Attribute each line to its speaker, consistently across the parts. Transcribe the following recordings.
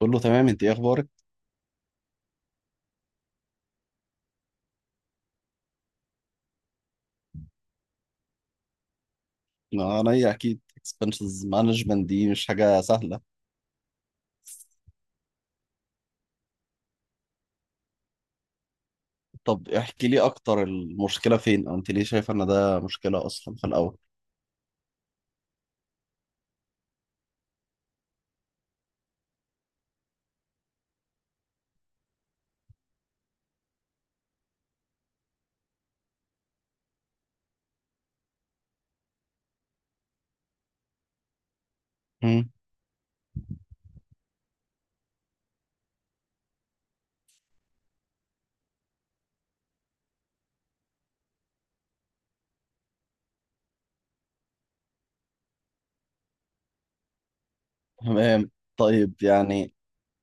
Speaker 1: بقول له تمام، انت ايه اخبارك؟ ما انا ايه اكيد اكسبنسز مانجمنت دي مش حاجه سهله. طب احكي لي اكتر، المشكله فين، او انت ليه شايفه ان ده مشكله اصلا في الاول؟ مم. تمام. طيب يعني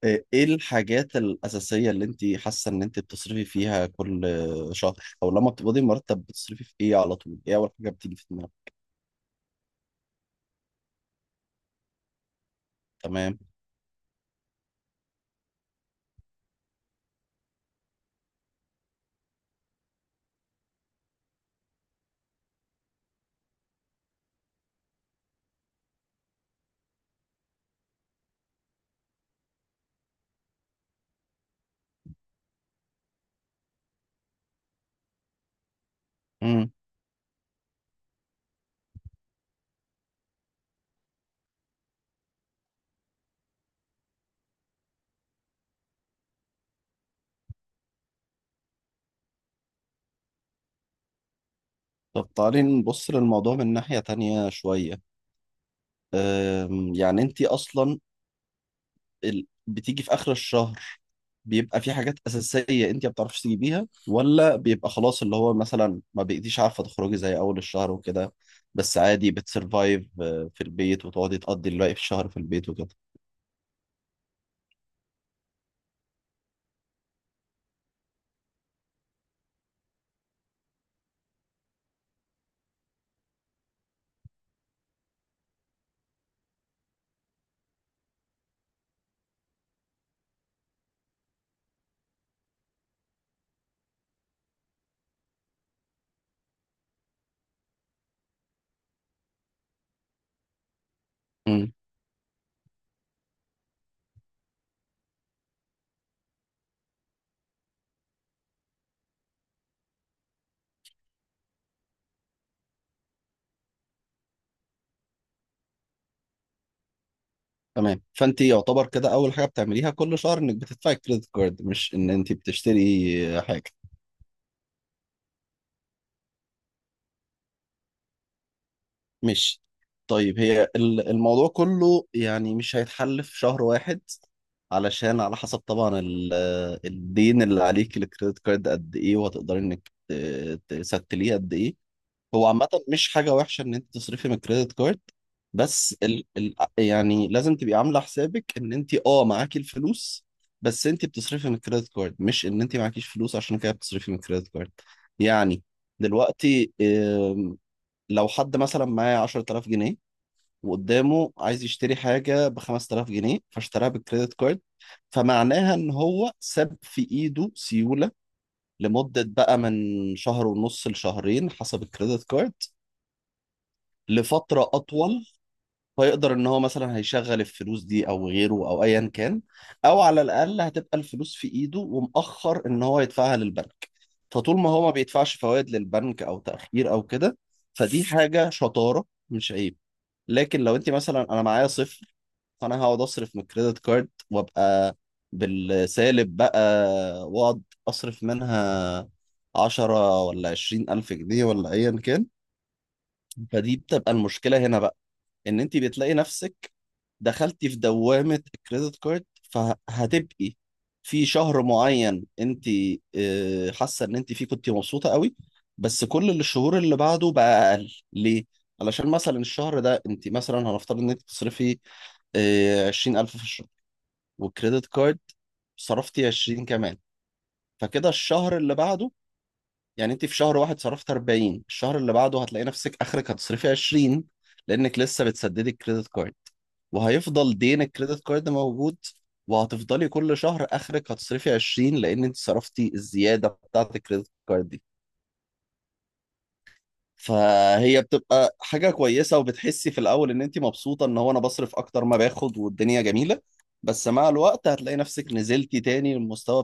Speaker 1: ايه الحاجات الاساسيه اللي انت حاسه ان انت بتصرفي فيها كل شهر، او لما بتقبضي مرتب بتصرفي في ايه على طول؟ ايه اول حاجه بتيجي في دماغك؟ تمام. مم. طب تعالي نبص للموضوع من ناحيه تانية شويه. يعني انت اصلا بتيجي في اخر الشهر، بيبقى في حاجات اساسيه انت ما بتعرفيش تجيبيها، ولا بيبقى خلاص اللي هو مثلا ما بقيتيش عارفه تخرجي زي اول الشهر وكده، بس عادي بتسرفايف في البيت وتقعدي تقضي الباقي في الشهر في البيت وكده. امم. تمام. فانت يعتبر كده اول حاجه بتعمليها كل شهر انك بتدفعي كريدت كارد، مش ان انت بتشتري حاجه. ماشي. طيب، هي الموضوع كله يعني مش هيتحل في شهر واحد، علشان على حسب طبعا الدين اللي عليك الكريدت كارد قد ايه، وهتقدري انك تستليه قد ايه. هو عامة مش حاجة وحشة ان انت تصرفي من الكريدت كارد، بس ال يعني لازم تبقي عاملة حسابك ان انت معاكي الفلوس، بس انت بتصرفي من الكريدت كارد، مش ان انت معكيش فلوس عشان كده بتصرفي من الكريدت كارد يعني. دلوقتي لو حد مثلا معاه 10000 جنيه، وقدامه عايز يشتري حاجة ب 5000 جنيه فاشتراها بالكريدت كارد، فمعناها إن هو ساب في إيده سيولة لمدة بقى من شهر ونص لشهرين حسب الكريدت كارد، لفترة أطول. فيقدر إن هو مثلا هيشغل الفلوس دي أو غيره أو أيا كان، أو على الأقل هتبقى الفلوس في إيده ومأخر إن هو يدفعها للبنك. فطول ما هو ما بيدفعش فوائد للبنك أو تأخير أو كده، فدي حاجة شطارة مش عيب. لكن لو انت مثلا انا معايا صفر، فانا هقعد اصرف من الكريدت كارد وابقى بالسالب بقى، واقعد اصرف منها عشرة ولا عشرين ألف جنيه ولا أيا كان. فدي بتبقى المشكلة هنا بقى، إن أنت بتلاقي نفسك دخلتي في دوامة الكريدت كارد، فهتبقي في شهر معين انت حاسة ان انت فيه كنت مبسوطة قوي، بس كل الشهور اللي بعده بقى اقل، ليه؟ علشان مثلا الشهر ده انت مثلا، هنفترض ان انت بتصرفي 20 ألف في الشهر، والكريدت كارد صرفتي عشرين كمان. فكده الشهر اللي بعده، يعني انت في شهر واحد صرفت 40، الشهر اللي بعده هتلاقي نفسك اخرك هتصرفي 20، لانك لسه بتسددي الكريدت كارد، وهيفضل دين الكريدت كارد موجود، وهتفضلي كل شهر اخرك هتصرفي 20 لان انت صرفتي الزياده بتاعه الكريدت كارد دي. فهي بتبقى حاجه كويسه، وبتحسي في الاول ان انت مبسوطه ان هو انا بصرف اكتر ما باخد والدنيا جميله. بس مع الوقت هتلاقي نفسك نزلتي تاني للمستوى،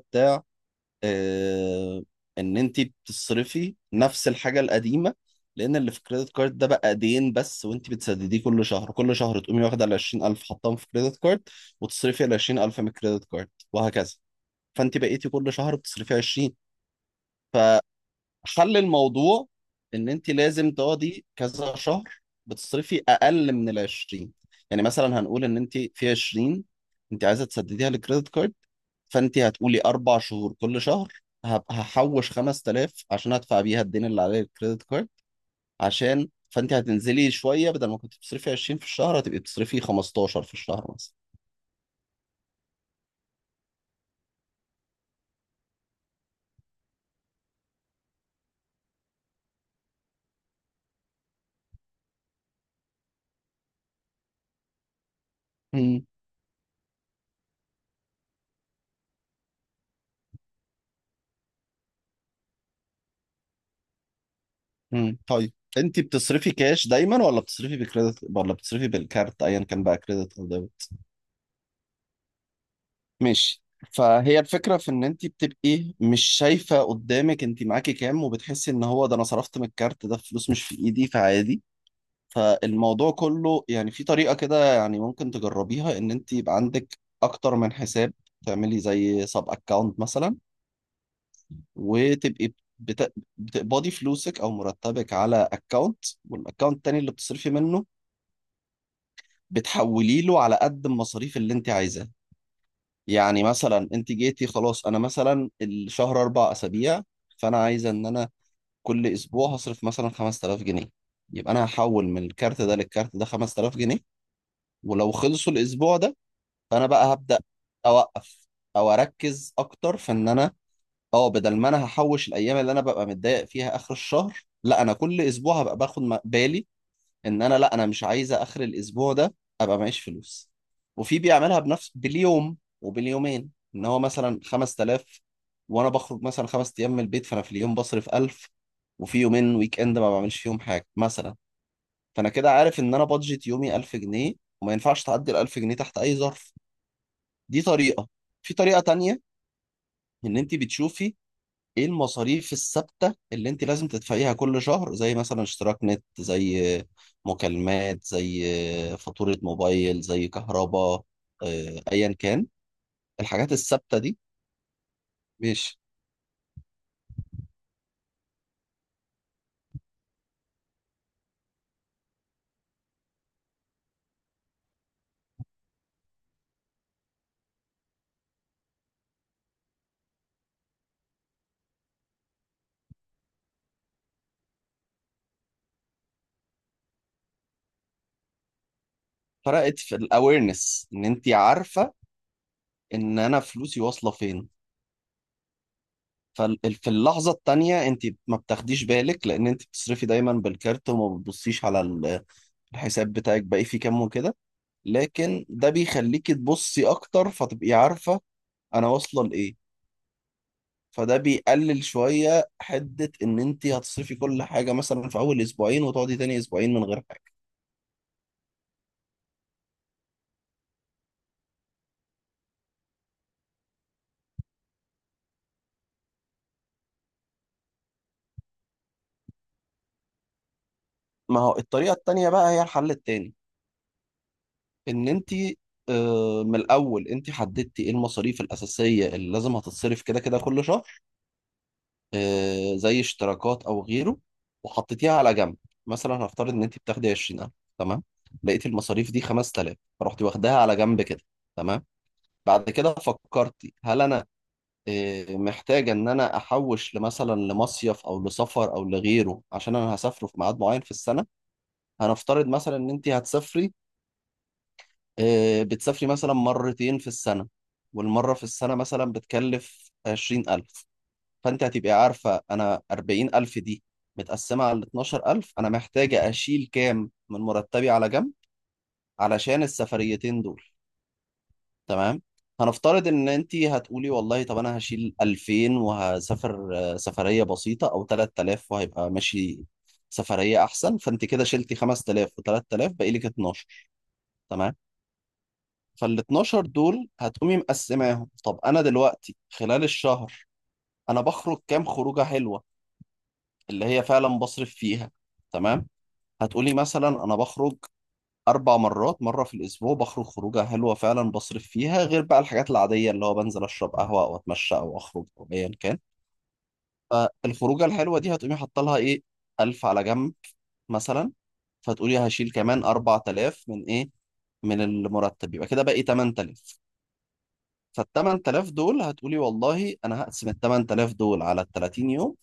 Speaker 1: آه، ان انت بتصرفي نفس الحاجه القديمه، لان اللي في كريدت كارد ده بقى دين بس، وانت بتسدديه كل شهر تقومي واخده ال 20000 حطاهم في كريدت كارد، وتصرفي ال 20000 من كريدت كارد، وهكذا. فانت بقيتي كل شهر بتصرفي 20. فحل الموضوع ان انت لازم تقعدي كذا شهر بتصرفي اقل من ال 20. يعني مثلا هنقول ان انت في 20 انت عايزه تسدديها لكريدت كارد، فانت هتقولي 4 شهور، كل شهر هحوش 5000 عشان ادفع بيها الدين اللي عليه الكريدت كارد. عشان فانت هتنزلي شويه، بدل ما كنت بتصرفي 20 في الشهر هتبقي بتصرفي 15 في الشهر مثلا. مم. مم. طيب انت بتصرفي كاش دايما، ولا بتصرفي بكريدت، ولا بتصرفي بالكارت، ايا كان بقى كريدت او ديبت؟ ماشي. فهي الفكره في ان انت بتبقي مش شايفه قدامك انت معاكي كام، وبتحسي ان هو ده، انا صرفت من الكارت ده فلوس مش في ايدي فعادي. فالموضوع كله يعني في طريقة كده يعني ممكن تجربيها، ان انت يبقى عندك اكتر من حساب، تعملي زي سب اكونت مثلا، وتبقي بت... بتقبضي فلوسك او مرتبك على اكونت، والاكونت التاني اللي بتصرفي منه بتحولي له على قد المصاريف اللي انت عايزاها. يعني مثلا انت جيتي خلاص، انا مثلا الشهر 4 اسابيع، فانا عايزه ان انا كل اسبوع هصرف مثلا 5000 جنيه، يبقى انا هحول من الكارت ده للكارت ده 5000 جنيه. ولو خلصوا الاسبوع ده، فانا بقى هبدا اوقف، او اركز اكتر في ان انا اه بدل ما انا هحوش الايام اللي انا ببقى متضايق فيها اخر الشهر، لا انا كل اسبوع هبقى باخد بالي، ان انا لا انا مش عايزه اخر الاسبوع ده ابقى معيش فلوس. وفي بيعملها بنفس باليوم وباليومين، ان هو مثلا 5000، وانا بخرج مثلا 5 ايام من البيت، فانا في اليوم بصرف 1000، وفي يومين ويك اند ما بعملش فيهم حاجه مثلا. فانا كده عارف ان انا بادجت يومي 1000 جنيه، وما ينفعش تعدي ال 1000 جنيه تحت اي ظرف. دي طريقة. في طريقة تانية، ان انت بتشوفي ايه المصاريف الثابتة اللي انت لازم تدفعيها كل شهر، زي مثلا اشتراك نت، زي مكالمات، زي فاتورة موبايل، زي كهرباء، ايا كان الحاجات الثابتة دي. ماشي. فرقت في الاويرنس، ان انت عارفة ان انا فلوسي واصلة فين. ففي اللحظة التانية انت ما بتاخديش بالك، لان انت بتصرفي دايما بالكارت، وما بتبصيش على الحساب بتاعك باقي فيه كام وكده. لكن ده بيخليكي تبصي اكتر فتبقي عارفة انا واصلة لايه. فده بيقلل شوية حدة ان انت هتصرفي كل حاجة مثلا في اول اسبوعين، وتقعدي تاني اسبوعين من غير حاجة. ما هو الطريقة التانية بقى هي الحل التاني، ان انت من الاول انت حددتي ايه المصاريف الاساسية اللي لازم هتتصرف كده كده كل شهر، زي اشتراكات او غيره، وحطيتيها على جنب. مثلا هنفترض ان انت بتاخدي 20000، تمام، لقيتي المصاريف دي 5000 فرحتي واخداها على جنب كده، تمام. بعد كده فكرت، هل انا محتاج ان انا احوش لمثلا لمصيف او لسفر او لغيره عشان انا هسافره في ميعاد معين في السنه. هنفترض مثلا ان انت هتسافري، بتسافري مثلا مرتين في السنه، والمره في السنه مثلا بتكلف 20000، فانت هتبقي عارفه انا 40000 دي متقسمه على 12000، انا محتاجه اشيل كام من مرتبي على جنب علشان السفريتين دول. تمام. هنفترض ان انت هتقولي والله، طب انا هشيل 2000 وهسافر سفريه بسيطه، او 3000 وهيبقى ماشي سفريه احسن. فانت كده شلتي 5000 و3000 باقي لك 12، تمام. فال 12 دول هتقومي مقسماهم، طب انا دلوقتي خلال الشهر انا بخرج كام خروجه حلوه اللي هي فعلا بصرف فيها؟ تمام. هتقولي مثلا انا بخرج أربع مرات، مرة في الأسبوع بخرج خروجة حلوة فعلا بصرف فيها، غير بقى الحاجات العادية اللي هو بنزل أشرب قهوة أو أتمشى أو أخرج أو أيا كان. فالخروجة الحلوة دي هتقومي حاطة لها إيه؟ ألف على جنب مثلا. فتقولي هشيل كمان 4 تلاف من إيه؟ من المرتب. يبقى كده باقي 8 تلاف. فالتمن تلاف دول هتقولي والله أنا هقسم التمن تلاف دول على الـ30 يوم،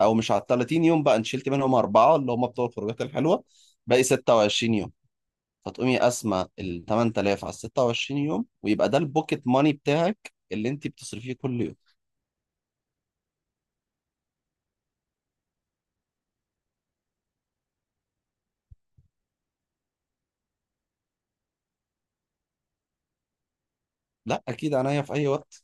Speaker 1: أو مش على التلاتين يوم بقى، أنت شلت منهم أربعة اللي هم بتوع الخروجات الحلوة، باقي 26 يوم. فتقومي قاسمة ال 8000 على 26 يوم، ويبقى ده البوكيت ماني بتاعك اللي انت بتصرفيه كل يوم. لا، اكيد، عينيا في اي وقت.